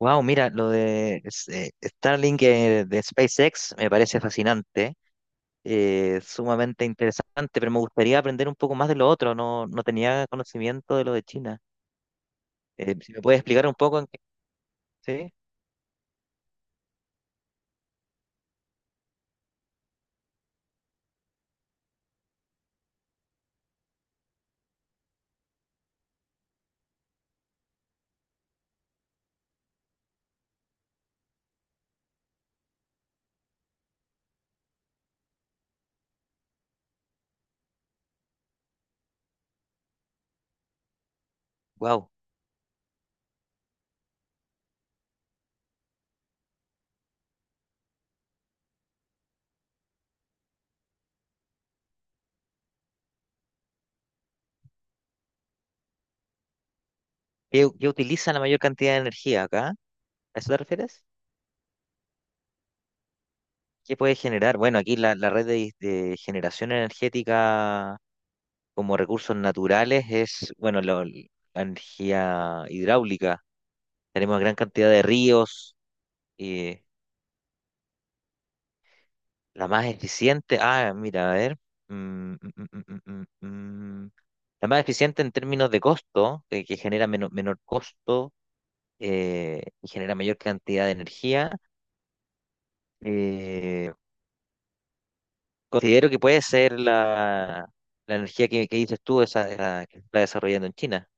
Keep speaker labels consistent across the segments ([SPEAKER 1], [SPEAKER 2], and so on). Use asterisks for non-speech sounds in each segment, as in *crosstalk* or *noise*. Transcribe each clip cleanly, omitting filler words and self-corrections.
[SPEAKER 1] Wow, mira, lo de Starlink de SpaceX me parece fascinante, sumamente interesante, pero me gustaría aprender un poco más de lo otro. No, no tenía conocimiento de lo de China. Si me puedes explicar un poco en qué- ¿sí? Wow. ¿Qué, qué utiliza la mayor cantidad de energía acá? ¿A eso te refieres? ¿Qué puede generar? Bueno, aquí la red de generación energética como recursos naturales es, bueno, la energía hidráulica. Tenemos gran cantidad de ríos. eh, La más eficiente. Ah, mira, a ver. Mm, mm, mm, mm, mm, mm, mm. La más eficiente en términos de costo, que genera menor costo y genera mayor cantidad de energía. eh, Considero que puede ser la energía que dices tú, esa que se está desarrollando en China.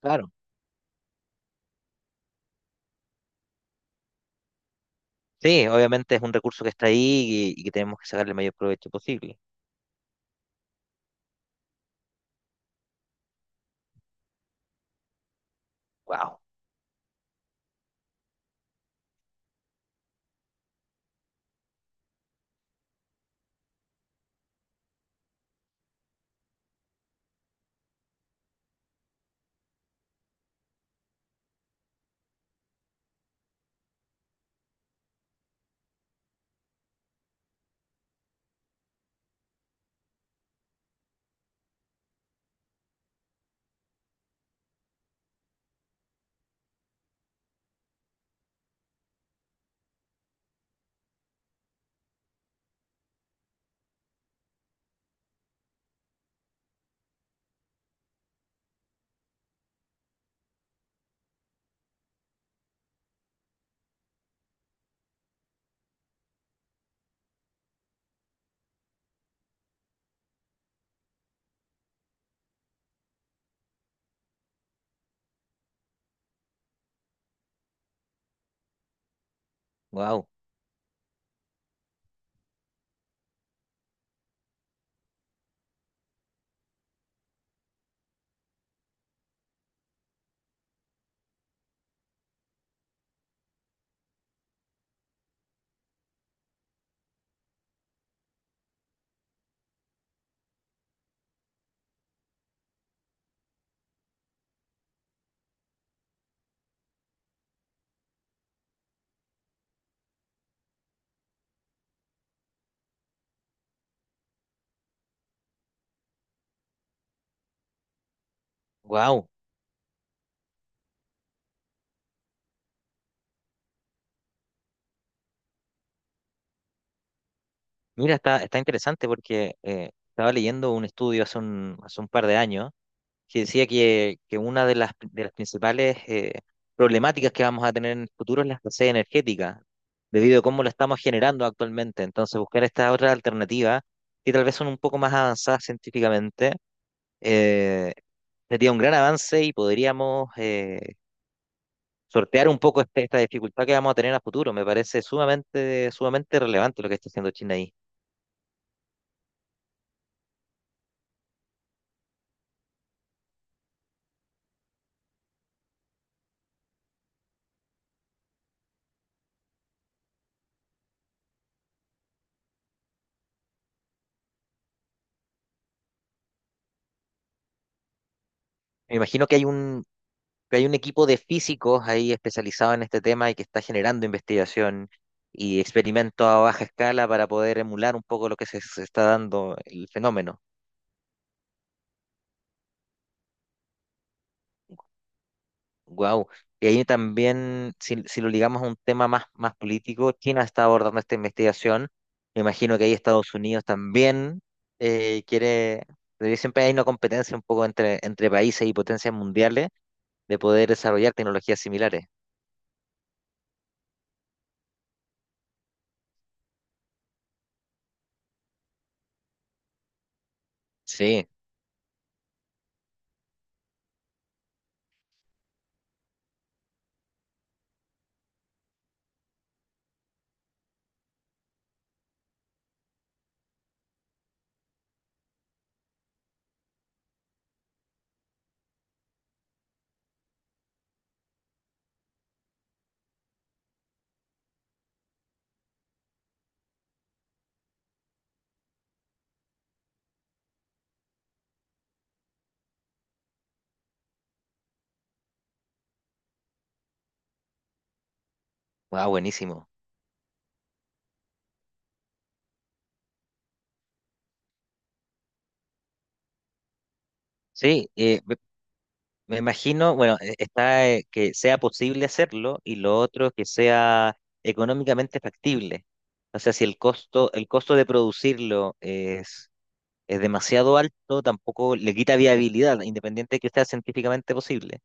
[SPEAKER 1] Claro. Sí, obviamente es un recurso que está ahí y que tenemos que sacarle el mayor provecho posible. Wow, wow, wow. Mira, está interesante porque estaba leyendo un estudio hace un par de años que decía que una de de las principales problemáticas que vamos a tener en el futuro es la escasez energética, debido a cómo la estamos generando actualmente. Entonces, buscar estas otras alternativas, que tal vez son un poco más avanzadas científicamente, eh, sería un gran avance y podríamos sortear un poco esta dificultad que vamos a tener a futuro. Me parece sumamente, sumamente relevante lo que está haciendo China ahí. Me imagino que hay que hay un equipo de físicos ahí especializado en este tema y que está generando investigación y experimentos a baja escala para poder emular un poco lo que se está dando el fenómeno. Wow. Y ahí también, si lo ligamos a un tema más, más político, China está abordando esta investigación. Me imagino que ahí Estados Unidos también quiere, porque siempre hay una competencia un poco entre, entre países y potencias mundiales de poder desarrollar tecnologías similares. Sí, wow, buenísimo. Sí, me imagino, bueno, está que sea posible hacerlo y lo otro que sea económicamente factible. O sea, si el costo, el costo de producirlo es demasiado alto, tampoco le quita viabilidad, independiente de que sea científicamente posible.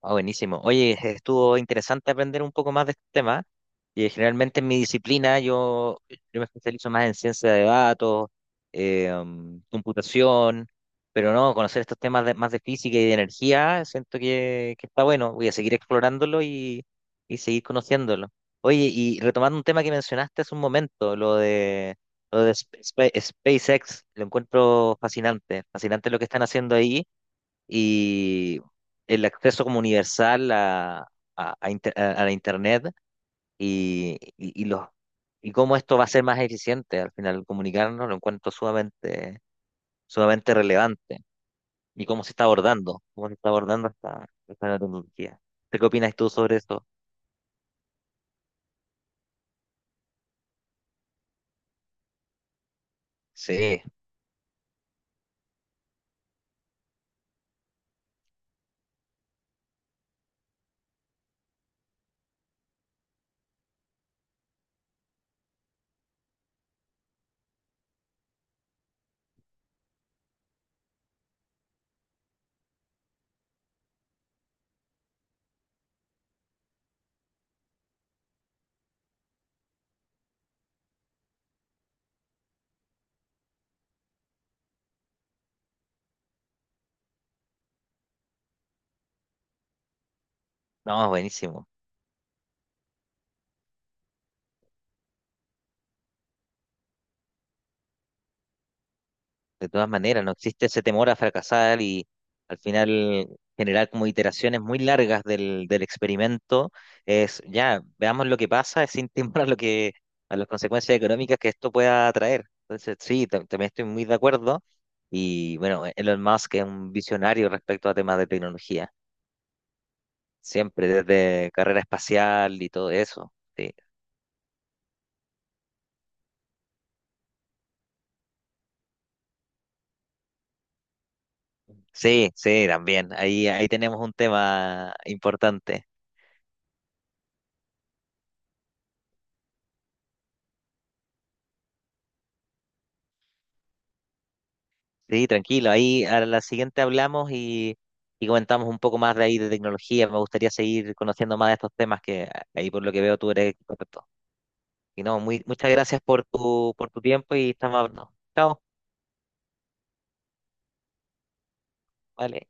[SPEAKER 1] Ah, buenísimo. Oye, estuvo interesante aprender un poco más de este tema. Y generalmente en mi disciplina yo me especializo más en ciencia de datos, computación, pero no, conocer estos temas más de física y de energía, siento que está bueno. Voy a seguir explorándolo y seguir conociéndolo. Oye, y retomando un tema que mencionaste hace un momento, lo de SpaceX, lo encuentro fascinante, fascinante lo que están haciendo ahí y el acceso como universal a a la Internet y y cómo esto va a ser más eficiente al final comunicarnos, lo encuentro sumamente, sumamente relevante y cómo se está abordando, cómo se está abordando esta, esta nueva tecnología. ¿Tú ¿Qué opinas tú sobre esto? Sí, no, buenísimo. De todas maneras, no existe ese temor a fracasar y al final generar como iteraciones muy largas del experimento. Es ya, veamos lo que pasa, es sin *laughs* temor a lo que, a las consecuencias económicas que esto pueda traer. Entonces, sí, también estoy muy de acuerdo. Y bueno, Elon Musk es un visionario respecto a temas de tecnología, siempre desde carrera espacial y todo eso. Sí, sí, sí, también. Ahí, ahí tenemos un tema importante. Sí, tranquilo. Ahí a la siguiente hablamos y comentamos un poco más de ahí de tecnología. Me gustaría seguir conociendo más de estos temas que ahí por lo que veo tú eres experto. Y no, muy, muchas gracias por tu tiempo y estamos hablando. Chao. Vale.